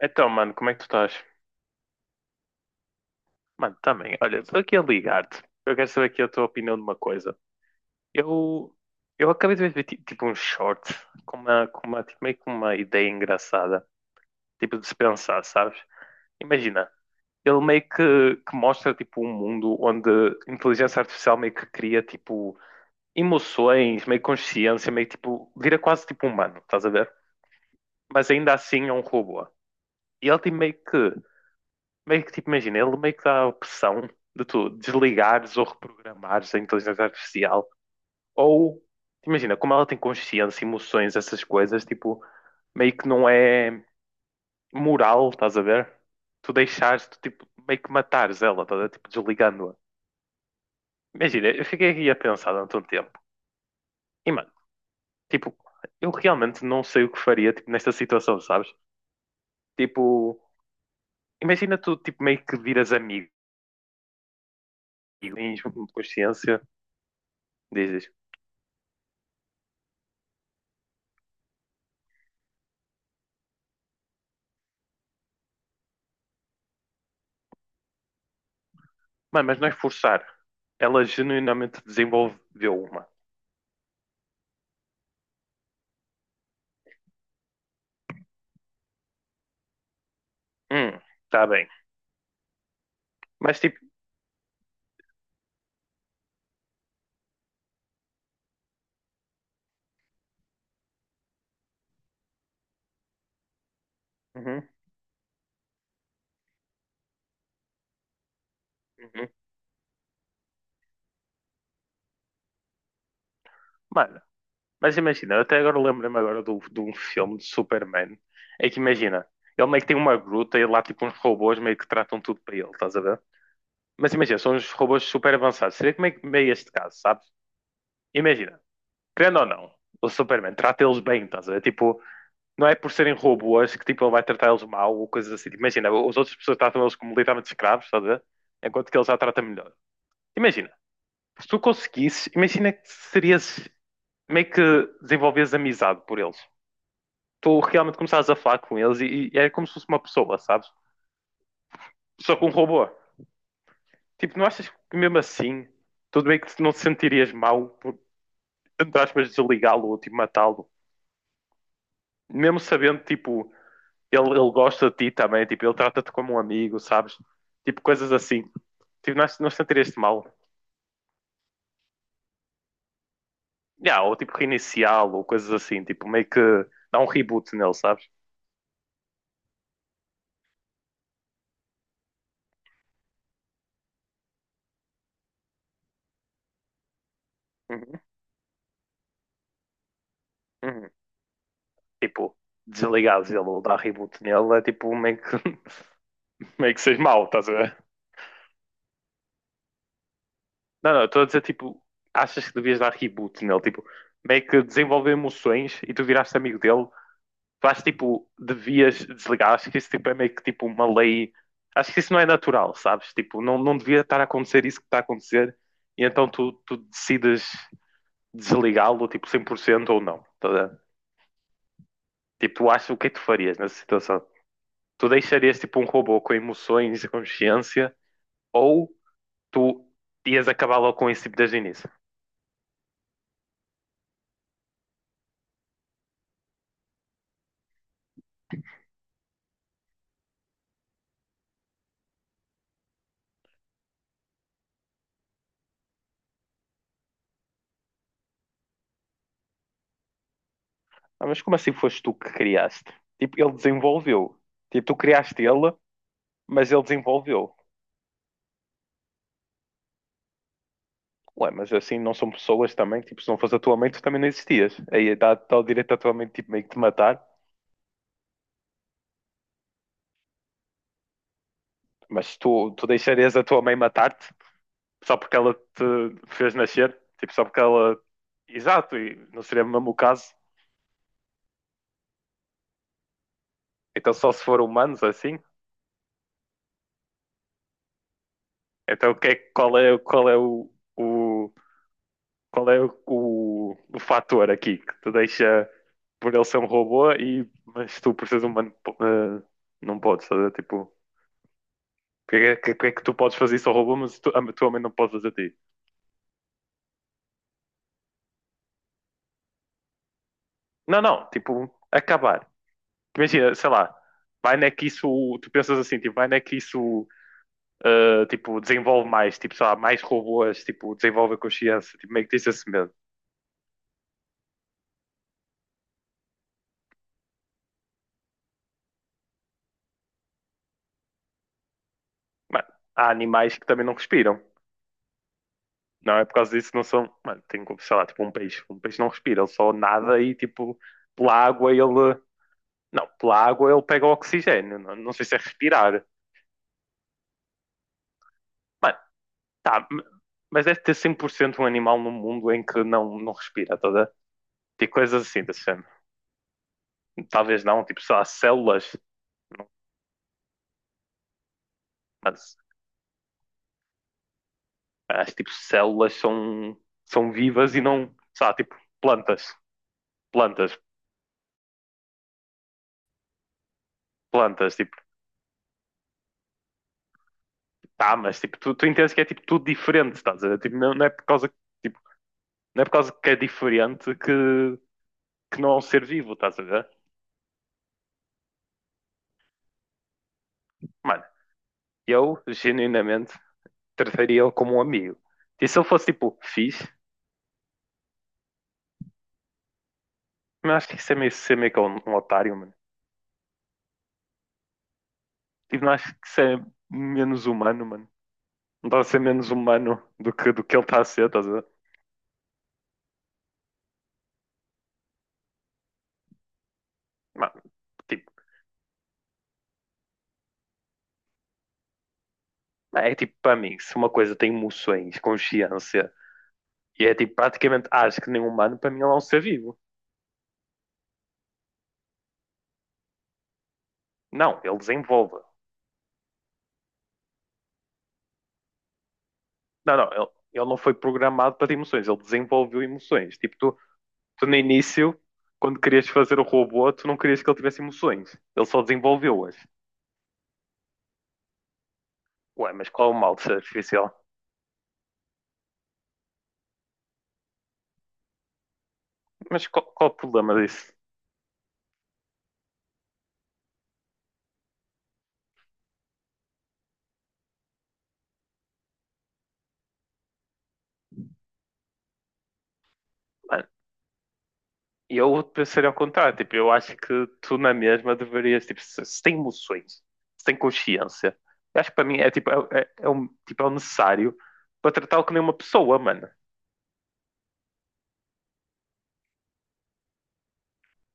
Então, mano, como é que tu estás? Mano, também. Olha, estou aqui a ligar-te. Eu quero saber aqui a tua opinião de uma coisa. Eu, eu acabei de ver tipo um short com uma, tipo, meio que uma ideia engraçada. Tipo de se pensar, sabes? Imagina, ele meio que mostra tipo um mundo onde a inteligência artificial meio que cria tipo emoções, meio consciência, meio tipo, vira quase tipo humano, estás a ver? Mas ainda assim é um robô. E ele tem meio que, tipo, imagina, ele meio que dá a opção de tu desligares ou reprogramares a inteligência artificial. Ou, imagina, como ela tem consciência, emoções, essas coisas, tipo, meio que não é moral, estás a ver? Tu deixares, tu, tipo, meio que matares ela, estás a ver? Tipo, desligando-a. Imagina, eu fiquei aqui a pensar durante um tempo. E, mano, tipo, eu realmente não sei o que faria, tipo, nesta situação, sabes? Tipo, imagina tu, tipo, meio que viras amigo e tens consciência, dizes, mano, mas não é forçar, ela genuinamente desenvolveu uma. Hum, tá bem. Mas tipo, uhum, uhum. Mano, mas imagina, eu até agora lembro-me agora de um filme de Superman. É que imagina, ele meio que tem uma gruta e lá tipo uns robôs meio que tratam tudo para ele, estás a ver? Mas imagina, são uns robôs super avançados. Seria como é que meio este caso, sabes? Imagina, querendo ou não, o Superman trata eles bem, estás a ver? Tipo, não é por serem robôs que tipo ele vai tratar eles mal ou coisas assim. Imagina, as outras pessoas tratam eles como literalmente escravos, estás a ver? Enquanto que ele já trata melhor. Imagina. Se tu conseguisses, imagina que serias meio que desenvolveres amizade por eles. Tu realmente começares a falar com eles e é como se fosse uma pessoa, sabes? Só que um robô. Tipo, não achas que mesmo assim, tudo bem que não te sentirias mal por, entre aspas, desligá-lo ou tipo matá-lo? Mesmo sabendo, tipo, ele gosta de ti também, tipo, ele trata-te como um amigo, sabes? Tipo, coisas assim. Tipo, não, não sentirias-te mal. Yeah, ou tipo reiniciá-lo, ou coisas assim, tipo meio que dá um reboot nele, sabes? Uhum, uhum. Tipo, desligares ele ou dar reboot nele é tipo meio que, meio que seja mau, estás a ver? Não, não, estou a dizer tipo, achas que devias dar reboot nele, tipo, meio que desenvolver emoções e tu viraste amigo dele. Tu acho tipo, devias desligar. Acho que isso tipo, é meio que tipo uma lei. Acho que isso não é natural, sabes? Tipo, não devia estar a acontecer isso que está a acontecer. E então tu decides desligá-lo, tipo, 100% ou não. Tá a ver? Tipo, tu achas o que é que tu farias nessa situação? Tu deixarias tipo um robô com emoções e consciência ou tu ias acabar logo com isso tipo, desde o início? Ah, mas como assim foste tu que criaste? Tipo, ele desenvolveu. Tipo, tu criaste ele, mas ele desenvolveu. Ué, mas assim não são pessoas também, tipo, se não fosse a tua mãe, tu também não existias. Aí dá o direito à tua mãe, tipo, meio que te matar. Mas tu deixarias a tua mãe matar-te só porque ela te fez nascer? Tipo, só porque ela. Exato, e não seria o mesmo o caso. Então só se for humanos assim? Então o que é, qual é o, qual é o fator aqui que te deixa por ele ser um robô e mas tu por seres humano não podes, estás tipo, porque é que tu podes fazer isso ao robô, mas tu, a tua mãe não pode fazer a ti? Não, não, tipo, acabar. Imagina, sei lá, vai não é que isso, tu pensas assim, tipo, vai não é que isso, tipo, desenvolve mais, tipo, sei lá, mais robôs, tipo, desenvolve a consciência, tipo, meio que tens esse medo. Mano, há animais que também não respiram. Não é por causa disso, não são, mano, tem, como, sei lá, tipo, um peixe. Um peixe não respira, ele só nada e, tipo, pela água ele, não, pela água ele pega o oxigênio, não, não sei se é respirar. Mano, tá, mas deve ter 100% um animal no mundo em que não respira, toda. Tipo coisas assim desse género. Talvez não, tipo, só as células, não- mas as tipo células são vivas e não, sei lá, tipo, plantas, plantas, plantas, tipo, tá, mas tipo, tu entendes que é tipo tudo diferente, estás a ver? Tipo, não é por causa, tipo, não é por causa que é diferente que não é um ser vivo, estás a ver? Mano, eu genuinamente trataria-o como um amigo. E se ele fosse tipo fixe, mas acho que isso é meio ser meio que um otário, mano. Tipo, não acho que isso é menos humano, mano. Não está a ser menos humano do que ele está a ser, estás a ver? Mano, tipo, é tipo, para mim, se uma coisa tem emoções, consciência, e é tipo, praticamente acho que nem humano, para mim ele é um ser vivo. Não, ele desenvolve. Não, não, ele não foi programado para ter emoções, ele desenvolveu emoções. Tipo, tu no início, quando querias fazer o robô, tu não querias que ele tivesse emoções. Ele só desenvolveu-as. Ué, mas qual é o mal de ser artificial? Mas qual o problema disso? Mano, eu pensaria ao contrário. Tipo, eu acho que tu na mesma deverias, tipo, se tem emoções, se tem consciência, eu acho que para mim é tipo, é um, tipo, é o necessário para tratá-lo como uma pessoa, mano.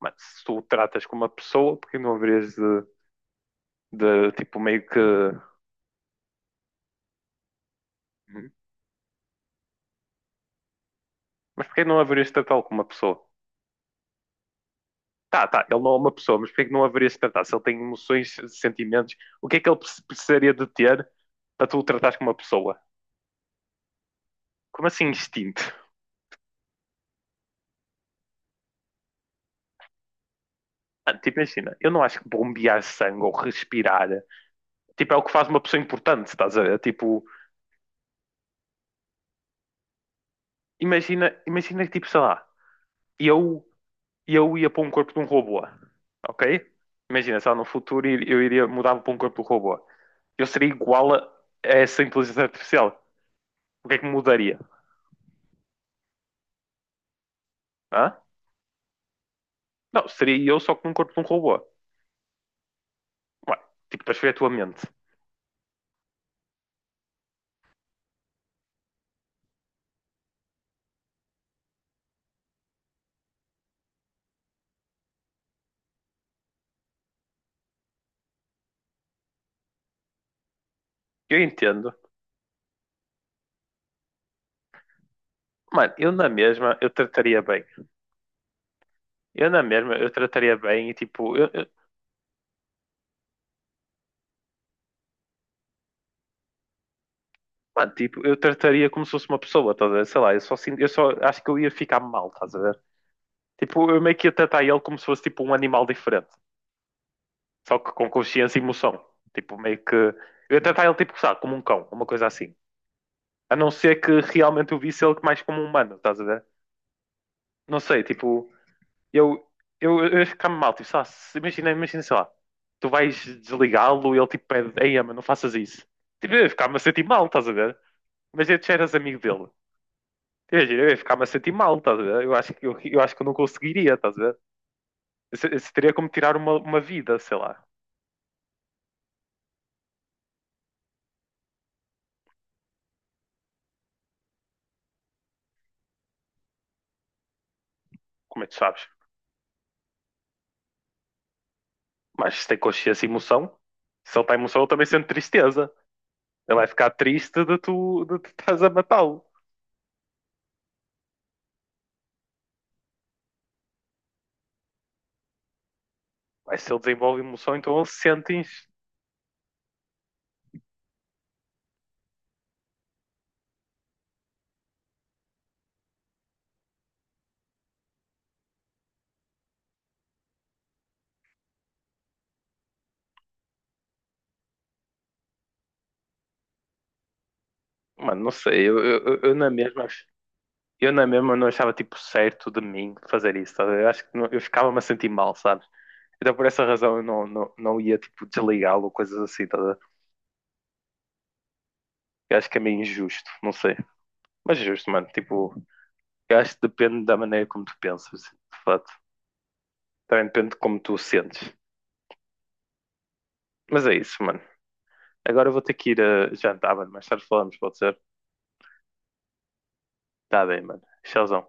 Mano, se tu o tratas como uma pessoa, porque não haverias de tipo, meio que. Hum? Mas porquê não haverias de tratá-lo como uma pessoa? Tá, tá, ele não é uma pessoa, mas porquê que não haverias de tratar? Se ele tem emoções, sentimentos, o que é que ele precisaria de ter para tu o tratares como uma pessoa? Como assim instinto? Mano, tipo, imagina, eu não acho que bombear sangue ou respirar, tipo, é o que faz uma pessoa importante, estás a ver? Tipo, imagina, imagina que, tipo, sei lá, eu, eu ia para um corpo de um robô, ok? Imagina, sei lá, no futuro eu iria mudar para um corpo de um robô. Eu seria igual a essa inteligência artificial. O que é que mudaria? Hã? Não, seria eu só com um corpo de um robô. Ué, tipo, transferir a tua mente. Eu entendo. Mano, eu na mesma, eu trataria bem. Eu na mesma, eu trataria bem e tipo, eu, Mano, tipo, eu trataria como se fosse uma pessoa, estás a ver? Sei lá, eu só, eu só acho que eu ia ficar mal, estás a ver? Tipo, eu meio que ia tratar ele como se fosse tipo um animal diferente, só que com consciência e emoção. Tipo, meio que. Eu ia tratar ele tipo, sabe, como um cão, uma coisa assim. A não ser que realmente eu visse ele mais como um humano, estás a ver? Não sei, tipo, eu, eu ia ficar mal, tipo, sei lá, imagina, imagina, sei lá, tu vais desligá-lo e ele tipo pede, ei, ama, não faças isso. Tipo, eu ia ficar-me a sentir mal, estás a ver? Mas já eras amigo dele. Imagina, eu ia ficar-me a sentir mal, estás a ver? Eu acho que eu não conseguiria, estás a ver? Isso teria como tirar uma vida, sei lá. Como é que tu sabes? Mas se tem consciência e emoção, se ele tem emoção, ele também sente tristeza. Ele vai ficar triste de tu estás a matá-lo. Mas se ele desenvolve emoção, então ele sente isso. Mano, não sei, eu na mesma não achava tipo certo de mim fazer isso, estás a ver? Eu acho que não- eu ficava-me a sentir mal, sabes? Então por essa razão eu não ia tipo desligá-lo ou coisas assim, estás a ver? Eu acho que é meio injusto, não sei. Mas é justo, mano, tipo, eu acho que depende da maneira como tu pensas, de fato. Também depende de como tu sentes. Mas é isso, mano. Agora eu vou ter que ir a jantar, mano. Mais tarde falamos, pode ser? Tá bem, mano. Tchauzão.